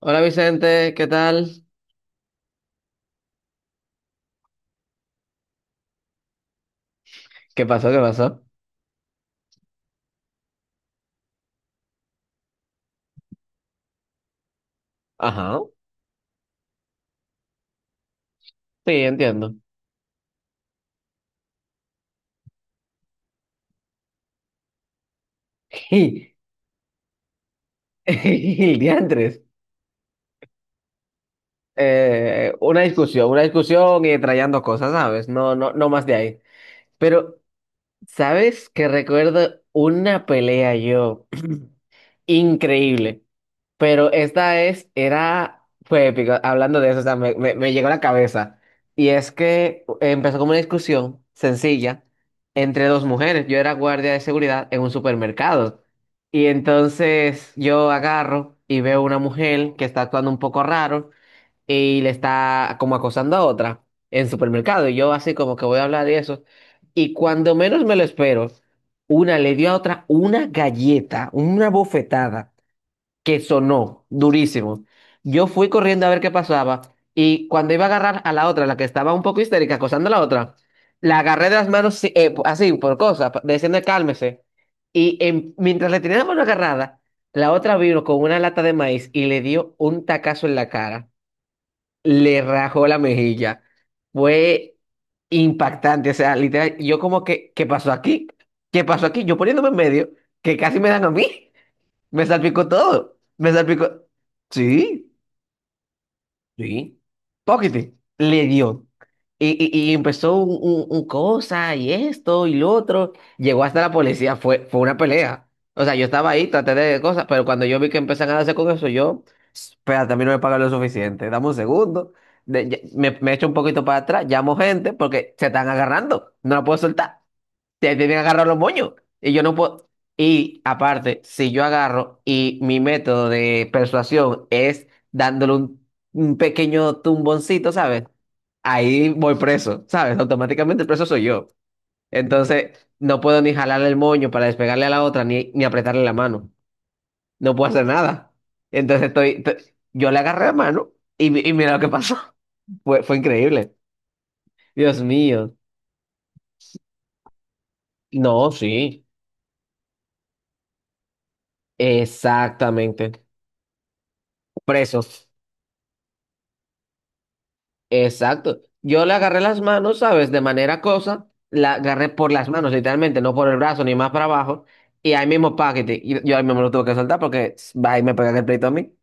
Hola Vicente, ¿qué tal? ¿Qué pasó? ¿Qué pasó? Ajá, sí, entiendo. Diantres. Una discusión, una discusión y trayendo cosas, ¿sabes? No, no, no más de ahí. Pero, ¿sabes que recuerdo una pelea yo? Increíble. Pero fue épico, hablando de eso, o sea, me llegó a la cabeza. Y es que empezó como una discusión sencilla entre dos mujeres. Yo era guardia de seguridad en un supermercado. Y entonces yo agarro y veo una mujer que está actuando un poco raro y le está como acosando a otra en supermercado. Y yo así como que voy a hablar de eso. Y cuando menos me lo espero, una le dio a otra una galleta, una bofetada que sonó durísimo. Yo fui corriendo a ver qué pasaba y cuando iba a agarrar a la otra, la que estaba un poco histérica, acosando a la otra, la agarré de las manos sí, así, por cosas, diciendo cálmese. Y mientras le tenía la mano agarrada, la otra vino con una lata de maíz y le dio un tacazo en la cara. Le rajó la mejilla. Fue impactante, o sea, literal, yo como que, ¿qué pasó aquí? ¿Qué pasó aquí? Yo poniéndome en medio, que casi me dan a mí. Me salpicó todo. Me salpicó. Sí, sí. Pocket le dio. Y empezó un cosa y esto y lo otro. Llegó hasta la policía. Fue, fue una pelea. O sea, yo estaba ahí, traté de cosas, pero cuando yo vi que empezaron a darse con eso, yo. Espérate, a mí no me pagan lo suficiente. Dame un segundo. Me echo un poquito para atrás. Llamo gente porque se están agarrando. No la puedo soltar, te tienen que agarrar los moños. Y yo no puedo. Y aparte, si yo agarro y mi método de persuasión es dándole un pequeño tumboncito, ¿sabes? Ahí voy preso, ¿sabes? Automáticamente el preso soy yo. Entonces, no puedo ni jalarle el moño para despegarle a la otra, ni apretarle la mano. No puedo hacer nada. Entonces, yo le agarré la mano y mira lo que pasó. Fue, fue increíble. Dios mío. No, sí. Exactamente. Presos. Exacto. Yo le agarré las manos, ¿sabes? De manera cosa, la agarré por las manos, literalmente, no por el brazo ni más para abajo. Y ahí mismo, paquete. Y yo ahí mismo lo tuve que soltar porque va y me pegan el pleito a mí,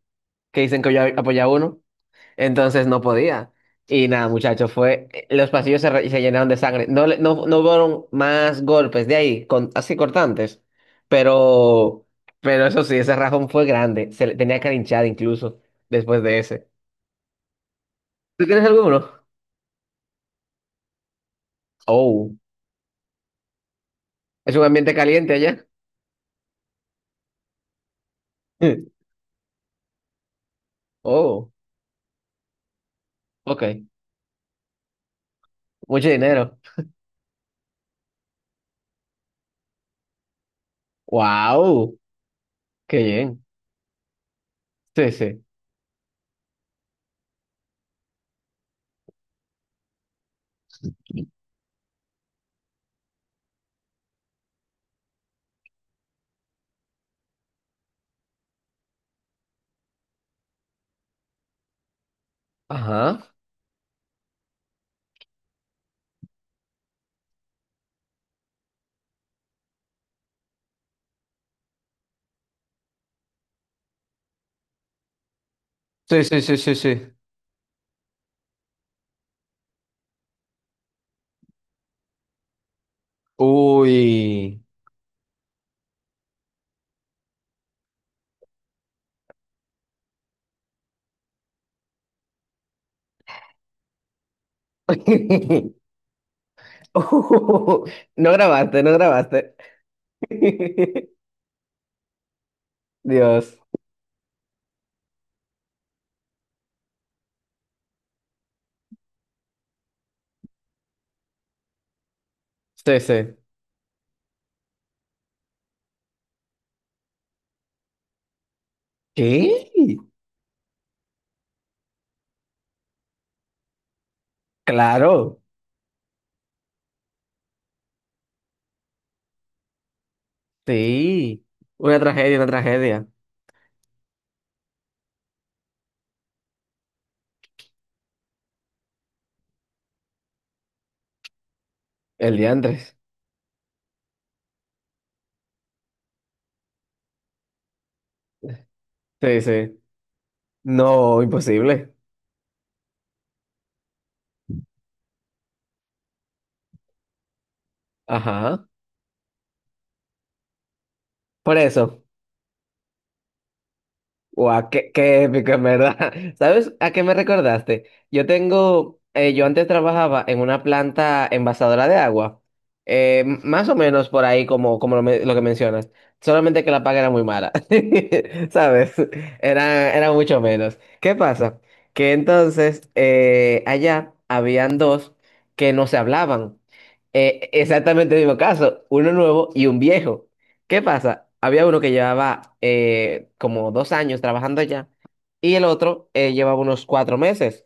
que dicen que yo apoyaba a uno. Entonces no podía. Y nada, muchachos, fue. Los pasillos se llenaron de sangre. No, no, no hubo más golpes de ahí, con, así cortantes. Pero, pero eso sí, ese rajón fue grande. Se le tenía que linchar incluso después de ese. ¿Tú tienes alguno? Oh. ¿Es un ambiente caliente allá? Oh, ok. Mucho dinero. Wow, qué bien. Sí, sí. Ajá. Sí, sí, sí, sí, sí. Uy. Uh, No grabaste, no grabaste. Dios. Sí, sí. ¿Qué? Claro. Sí. Una tragedia, una tragedia. El diantres. Sí, sí. No, imposible. Ajá. Por eso. Guau, qué épico, en verdad. ¿Sabes a qué me recordaste? Yo antes trabajaba en una planta envasadora de agua, más o menos por ahí como lo que mencionas, solamente que la paga era muy mala, ¿sabes? Era, era mucho menos. ¿Qué pasa? Que entonces allá habían dos que no se hablaban. Exactamente el mismo caso, uno nuevo y un viejo. ¿Qué pasa? Había uno que llevaba como 2 años trabajando allá y el otro llevaba unos 4 meses.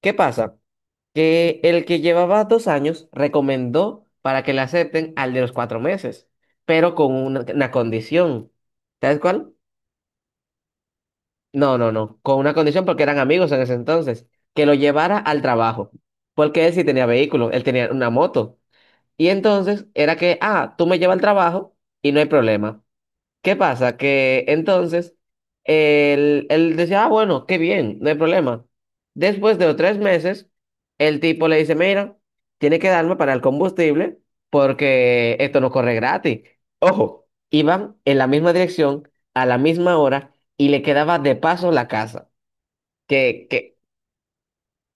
¿Qué pasa? Que el que llevaba 2 años recomendó para que le acepten al de los 4 meses, pero con una condición. ¿Sabes cuál? No, no, no. Con una condición porque eran amigos en ese entonces, que lo llevara al trabajo. Porque él sí tenía vehículo, él tenía una moto. Y entonces era que, ah, tú me llevas al trabajo y no hay problema. ¿Qué pasa? Que entonces él decía, ah, bueno, qué bien, no hay problema. Después de los 3 meses, el tipo le dice, mira, tiene que darme para el combustible porque esto no corre gratis. Ojo, iban en la misma dirección, a la misma hora, y le quedaba de paso la casa. Que, que,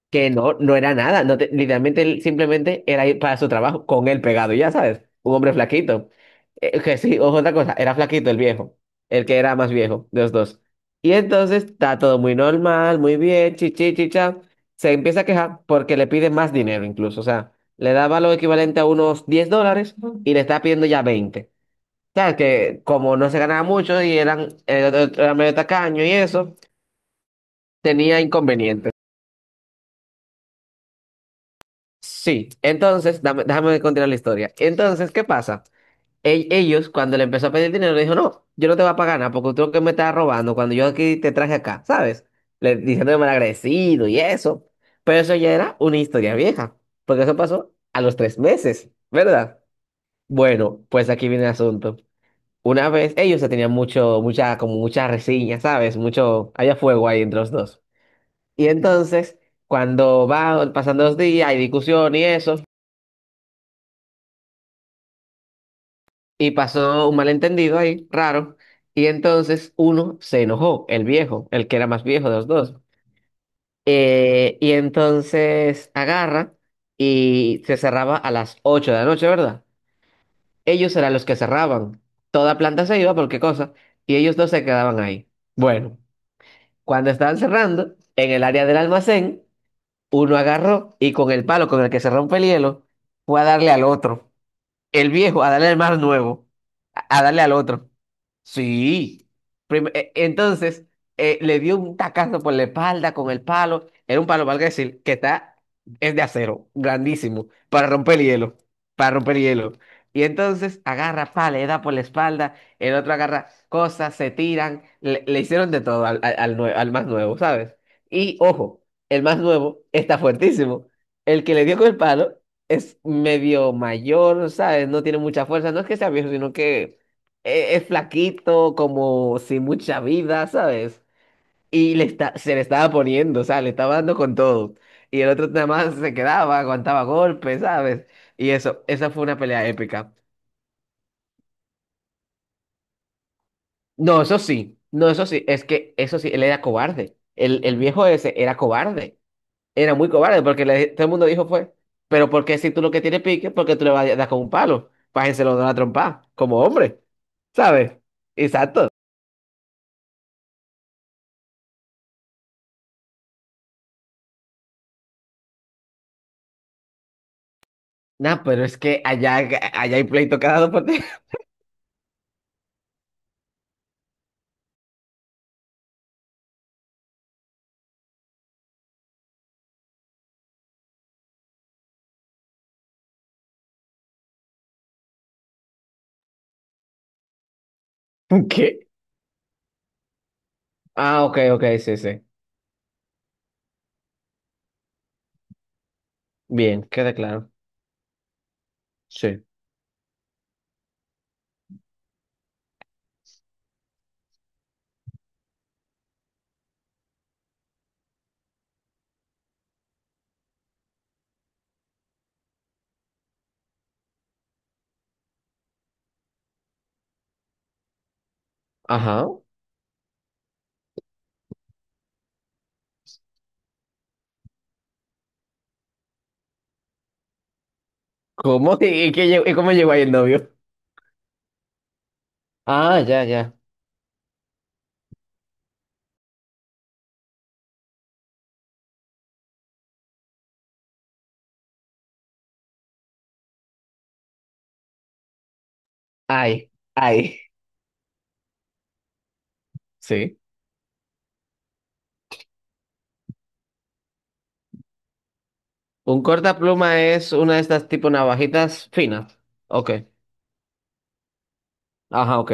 que no, no era nada. No te- Literalmente él simplemente era ir para su trabajo con él pegado, ya sabes. Un hombre flaquito. Que sí, ojo, otra cosa. Era flaquito el viejo. El que era más viejo de los dos. Y entonces está todo muy normal, muy bien, chichi, chicha. Se empieza a quejar porque le pide más dinero incluso. O sea, le daba lo equivalente a unos $10 y le está pidiendo ya 20. O sea, que como no se ganaba mucho y era medio tacaño y eso, tenía inconvenientes. Sí, entonces, déjame continuar la historia. Entonces, ¿qué pasa? Ellos, cuando le empezó a pedir dinero, le dijo, no, yo no te voy a pagar nada porque tú lo que me estás robando cuando yo aquí te traje acá, ¿sabes? Le diciendo mal agradecido y eso. Pero eso ya era una historia vieja, porque eso pasó a los 3 meses, ¿verdad? Bueno, pues aquí viene el asunto. Una vez, ellos se tenían mucho, mucha reseña, ¿sabes? Mucho, había fuego ahí entre los dos. Y entonces, cuando va pasando los días, hay discusión y eso. Y pasó un malentendido ahí, raro. Y entonces uno se enojó, el viejo, el que era más viejo de los dos. Y entonces agarra y se cerraba a las 8 de la noche, ¿verdad? Ellos eran los que cerraban. Toda planta se iba, por qué cosa. Y ellos dos se quedaban ahí. Bueno, cuando estaban cerrando, en el área del almacén, uno agarró y con el palo con el que se rompe el hielo, fue a darle al otro. El viejo a darle al más nuevo, a darle al otro. Sí. Entonces, le dio un tacazo por la espalda con el palo. Era un palo, valga decir, es de acero, grandísimo, para romper el hielo, para romper el hielo. Y entonces agarra pala, le da por la espalda, el otro agarra cosas, se tiran, le hicieron de todo al más nuevo, ¿sabes? Y ojo, el más nuevo está fuertísimo. El que le dio con el palo es medio mayor, ¿sabes? No tiene mucha fuerza, no es que sea viejo, sino que es flaquito, como sin mucha vida, ¿sabes? Y se le estaba poniendo, o sea, le estaba dando con todo. Y el otro nada más se quedaba, aguantaba golpes, ¿sabes? Y eso, esa fue una pelea épica. No, eso sí, no, eso sí, es que eso sí, él era cobarde. El viejo ese era cobarde, era muy cobarde, porque todo el mundo dijo fue, pero porque si tú lo que tienes pique, ¿porque tú le vas a dar con un palo? Pájenselo de una trompa, como hombre, ¿sabes? Exacto. Nah, pero es que allá hay pleito cada dos por tres. ¿Qué? Ah, ok, ok, sí, sí. Bien, queda claro. Sí. Ajá. ¿Cómo? ¿Y y cómo llegó ahí el novio? Ah, ya, ya. Ay, ay. Sí. Un cortapluma es una de estas tipo navajitas finas. Ok. Ajá, ok.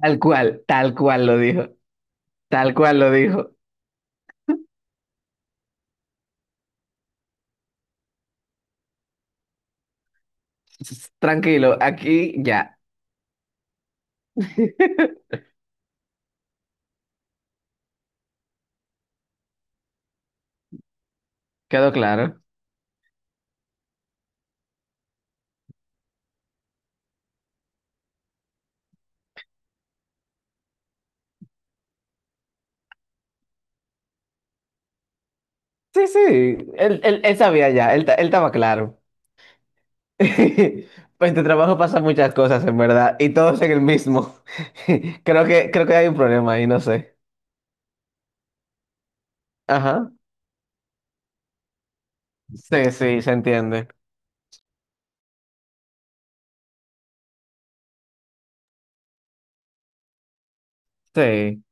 Tal cual lo dijo. Tal cual lo dijo. Tranquilo, aquí ya. Quedó claro. Sí, sí, él sabía ya, él estaba claro. Pues en tu trabajo pasan muchas cosas, en verdad, y todos en el mismo. Creo que hay un problema ahí, no sé. Ajá. Sí, sí, se entiende. Sí.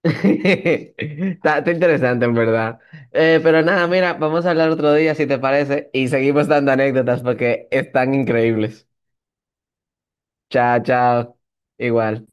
Está interesante, en verdad. Pero nada, mira, vamos a hablar otro día, si te parece, y seguimos dando anécdotas porque están increíbles. Chao, chao. Igual.